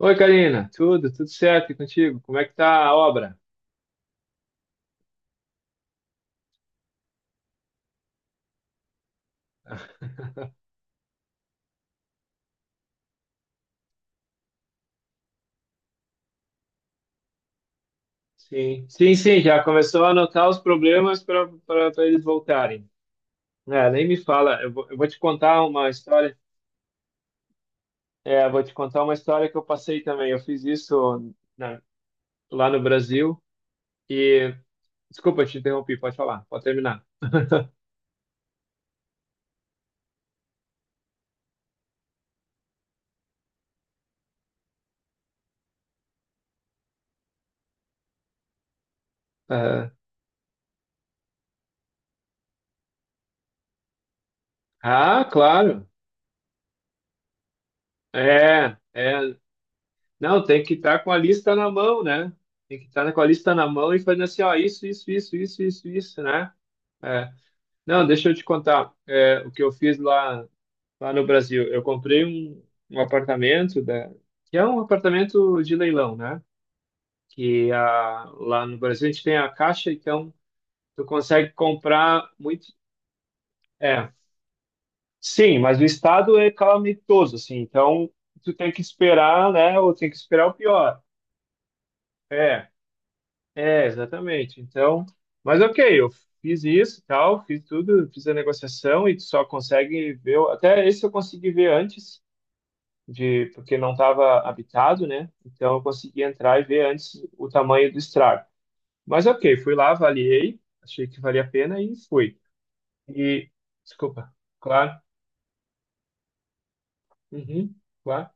Oi, Karina, tudo certo e contigo? Como é que tá a obra? Sim, sim, sim, já começou a anotar os problemas para eles voltarem. É, nem me fala, eu vou te contar uma história, eu vou te contar uma história que eu passei também. Eu fiz isso na- Lá no Brasil e, desculpa, eu te interrompi, pode falar, pode terminar. Aham. Ah, claro, é, é, não, tem que estar com a lista na mão, né? Tem que estar com a lista na mão e fazendo assim, ó, isso, né? É. Não, deixa eu te contar o que eu fiz lá, lá no Brasil. Um apartamento, que é um apartamento de leilão, né? Lá no Brasil a gente tem a Caixa, então tu consegue comprar muito. É, sim, mas o estado é calamitoso, assim, então tu tem que esperar, né? Ou tem que esperar o pior. É, exatamente. Então, mas ok, eu fiz isso, e tal, fiz tudo, fiz a negociação e tu só consegue ver. Até esse eu consegui ver antes. De porque não estava habitado, né? Então eu consegui entrar e ver antes o tamanho do estrago. Mas ok, fui lá, avaliei, achei que valia a pena e fui. E, desculpa, claro, uhum, claro.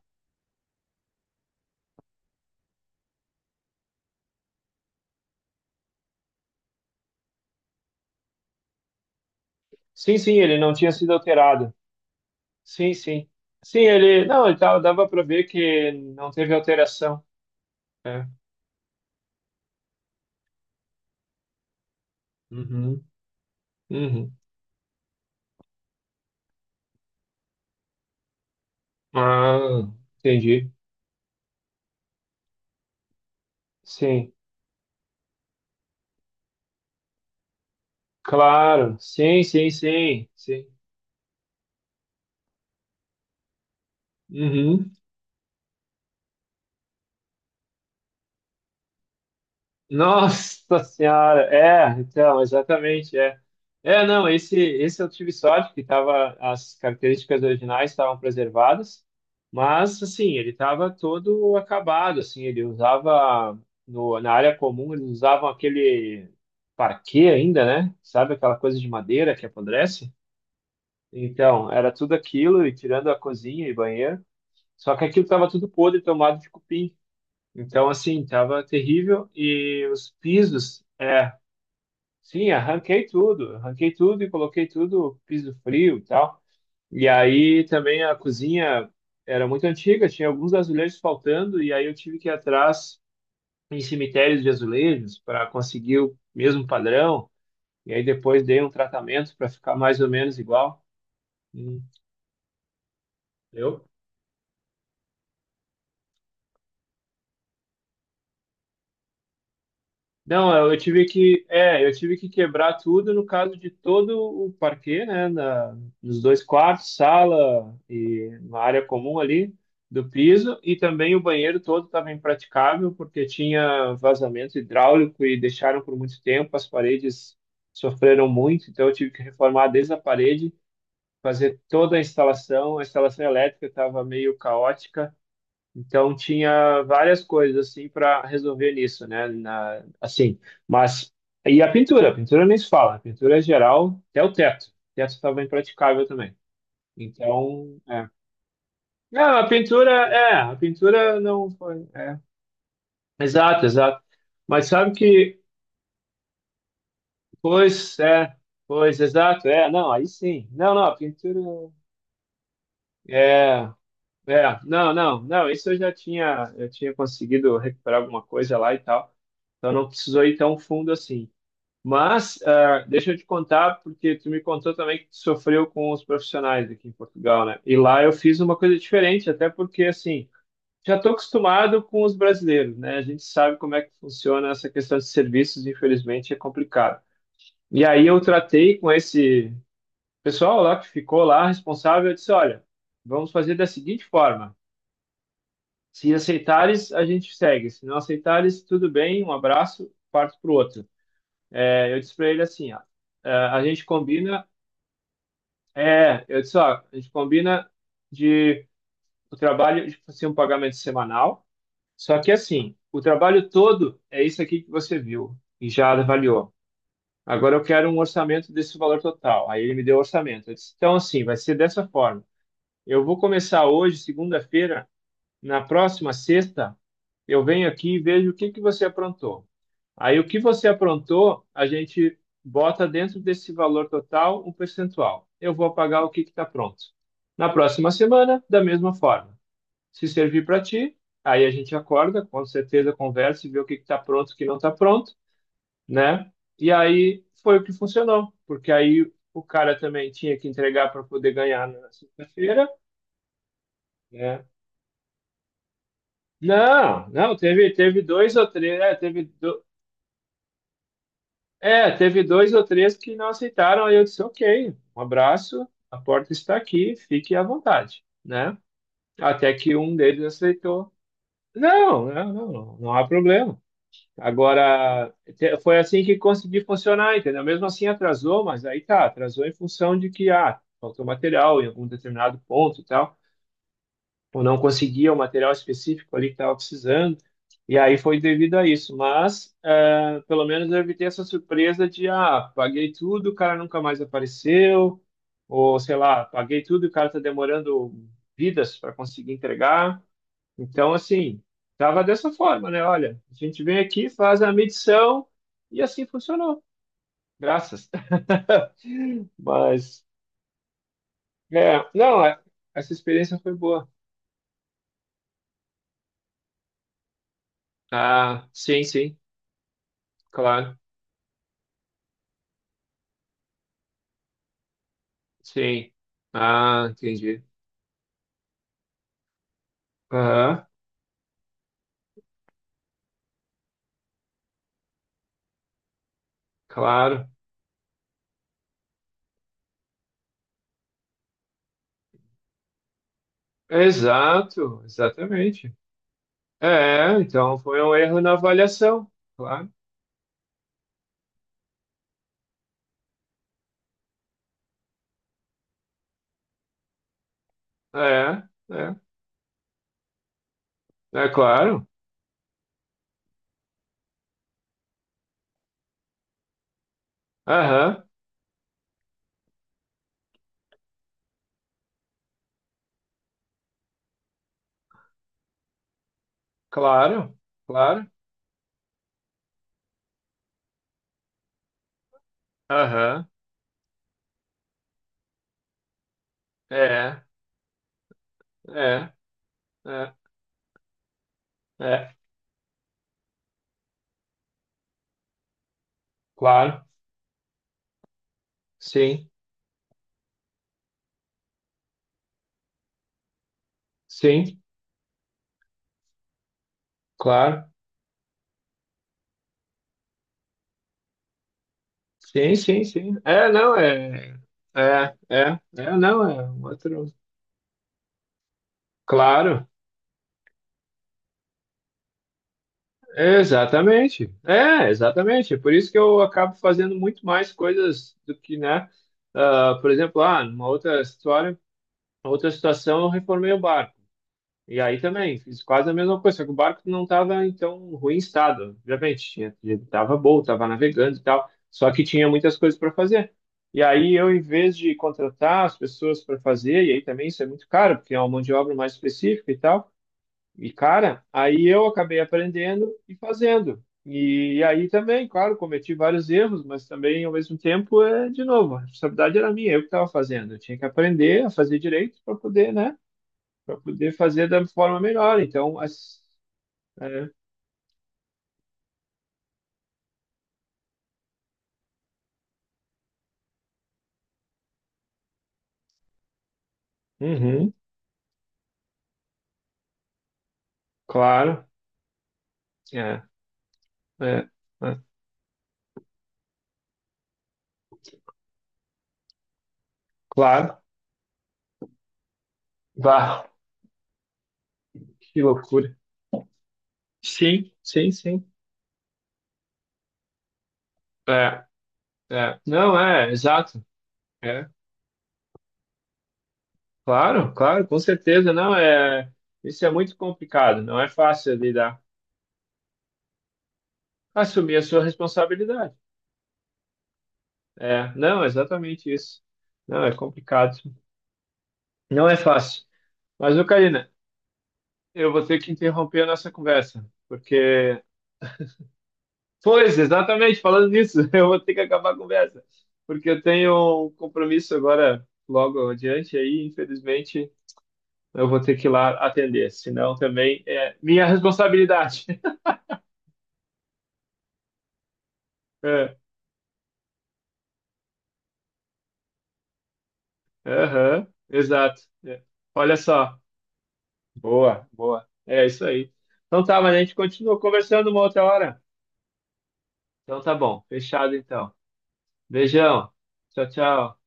Sim, sim, ele não tinha sido alterado. Sim, sim. Sim, ele, não, ele tava, dava para ver que não teve alteração. É. Uhum, uhum. Ah, entendi. Sim, claro. Sim, sim, sim, sim. Uhum. Nossa senhora, é, então, exatamente, é. É, não, esse eu tive sorte que tava, as características originais estavam preservadas, mas, assim, ele estava todo acabado, assim, ele usava, no, na área comum, eles usavam aquele parquet ainda, né? Sabe aquela coisa de madeira que apodrece? Então, era tudo aquilo, e tirando a cozinha e banheiro, só que aquilo estava tudo podre, tomado de cupim. Então, assim, tava terrível e os pisos, sim, arranquei tudo e coloquei tudo piso frio e tal. E aí também a cozinha era muito antiga, tinha alguns azulejos faltando e aí eu tive que ir atrás em cemitérios de azulejos para conseguir o mesmo padrão. E aí depois dei um tratamento para ficar mais ou menos igual. Hum, entendeu? Não, eu tive que, eu tive que quebrar tudo no caso de todo o parquet, né, nos dois quartos, sala e na área comum ali do piso e também o banheiro todo estava impraticável porque tinha vazamento hidráulico e deixaram por muito tempo, as paredes sofreram muito, então eu tive que reformar desde a parede, fazer toda a instalação elétrica estava meio caótica. Então tinha várias coisas assim para resolver nisso, né? Mas e a pintura? A pintura nem se fala. A pintura é geral, até o teto. O teto estava impraticável também. Então, é. Não, a pintura não foi, é. Exato, exato. Mas sabe que, pois, é, pois, exato, é, não, aí sim. Não, não, a pintura é. É, não, não, não, isso eu já tinha, eu tinha conseguido recuperar alguma coisa lá e tal, então não precisou ir tão fundo assim. Mas, ah, deixa eu te contar, porque tu me contou também que tu sofreu com os profissionais aqui em Portugal, né? E lá eu fiz uma coisa diferente, até porque, assim, já estou acostumado com os brasileiros, né? A gente sabe como é que funciona essa questão de serviços, infelizmente é complicado. E aí eu tratei com esse pessoal lá que ficou lá, responsável, eu disse, olha, vamos fazer da seguinte forma. Se aceitares, a gente segue. Se não aceitares, tudo bem, um abraço, parto pro outro. É, eu disse para ele assim, ó, a gente combina, eu disse, ó, a gente combina de o trabalho de fazer um pagamento semanal, só que assim, o trabalho todo é isso aqui que você viu e já avaliou. Agora eu quero um orçamento desse valor total. Aí ele me deu o orçamento. Eu disse, então assim, vai ser dessa forma. Eu vou começar hoje, segunda-feira, na próxima sexta, eu venho aqui e vejo o que que você aprontou. Aí o que você aprontou, a gente bota dentro desse valor total um percentual. Eu vou pagar o que está pronto. Na próxima semana, da mesma forma. Se servir para ti, aí a gente acorda, com certeza conversa e vê o que está pronto, e o que não está pronto, né? E aí foi o que funcionou, porque aí o cara também tinha que entregar para poder ganhar na sexta-feira, né? Não, não, teve dois ou três. É, teve dois ou três que não aceitaram, aí eu disse, ok, um abraço, a porta está aqui, fique à vontade, né? Até que um deles aceitou. Não, não, não, não, não há problema. Foi assim que consegui funcionar, entendeu? Mesmo assim atrasou, mas aí tá, atrasou em função de que, ah, faltou material em algum determinado ponto e tal ou não conseguia o material específico ali que estava precisando. E aí foi devido a isso. Mas eh, pelo menos eu evitei essa surpresa de, ah, paguei tudo, o cara nunca mais apareceu, ou sei lá, paguei tudo e o cara está demorando vidas para conseguir entregar. Então, assim, tava dessa forma, né? Olha, a gente vem aqui, faz a medição e assim funcionou. Graças. Mas, é, não, é, essa experiência foi boa. Ah, sim, sim, claro. Sim. Ah, entendi. Aham, claro. Exato, exatamente. É, então foi um erro na avaliação, claro. É, é, é claro. Aham, claro, claro. Aham, é, é, é, é, claro. Sim, sim, claro. Sim, sim, sim. É, não, é, é, é, é, não, é um outro. Claro. Exatamente. É, exatamente. É por isso que eu acabo fazendo muito mais coisas do que, né? Ah, por exemplo, ah, numa outra história, outra situação, eu reformei o barco. E aí também fiz quase a mesma coisa, só que o barco não estava em tão ruim estado, obviamente. Tinha, estava bom, estava navegando e tal, só que tinha muitas coisas para fazer. E aí eu, em vez de contratar as pessoas para fazer, e aí também isso é muito caro, porque é uma mão de obra mais específica e tal. E, cara, aí eu acabei aprendendo e fazendo. E aí também, claro, cometi vários erros, mas também, ao mesmo tempo, é, de novo, a responsabilidade era minha, eu que estava fazendo. Eu tinha que aprender a fazer direito para poder, né? Para poder fazer da forma melhor. Então, é, uhum, claro, é, é, é, claro. Bah, que loucura. Sim, sim, sim. É, é. Não, é, exato. É, Claro, claro, com certeza, não é. Isso é muito complicado, não é fácil lidar. Assumir a sua responsabilidade. É, não, exatamente isso. Não, é complicado. Não é fácil. Mas, ô, Karina, eu vou ter que interromper a nossa conversa, porque. Pois, exatamente, falando nisso, eu vou ter que acabar a conversa, porque eu tenho um compromisso agora, logo adiante, aí, infelizmente, eu vou ter que ir lá atender, senão também é minha responsabilidade. Aham, exato. É. Olha só. Boa, boa. É isso aí. Então tá, mas a gente continua conversando uma outra hora. Então tá bom. Fechado então. Beijão. Tchau, tchau.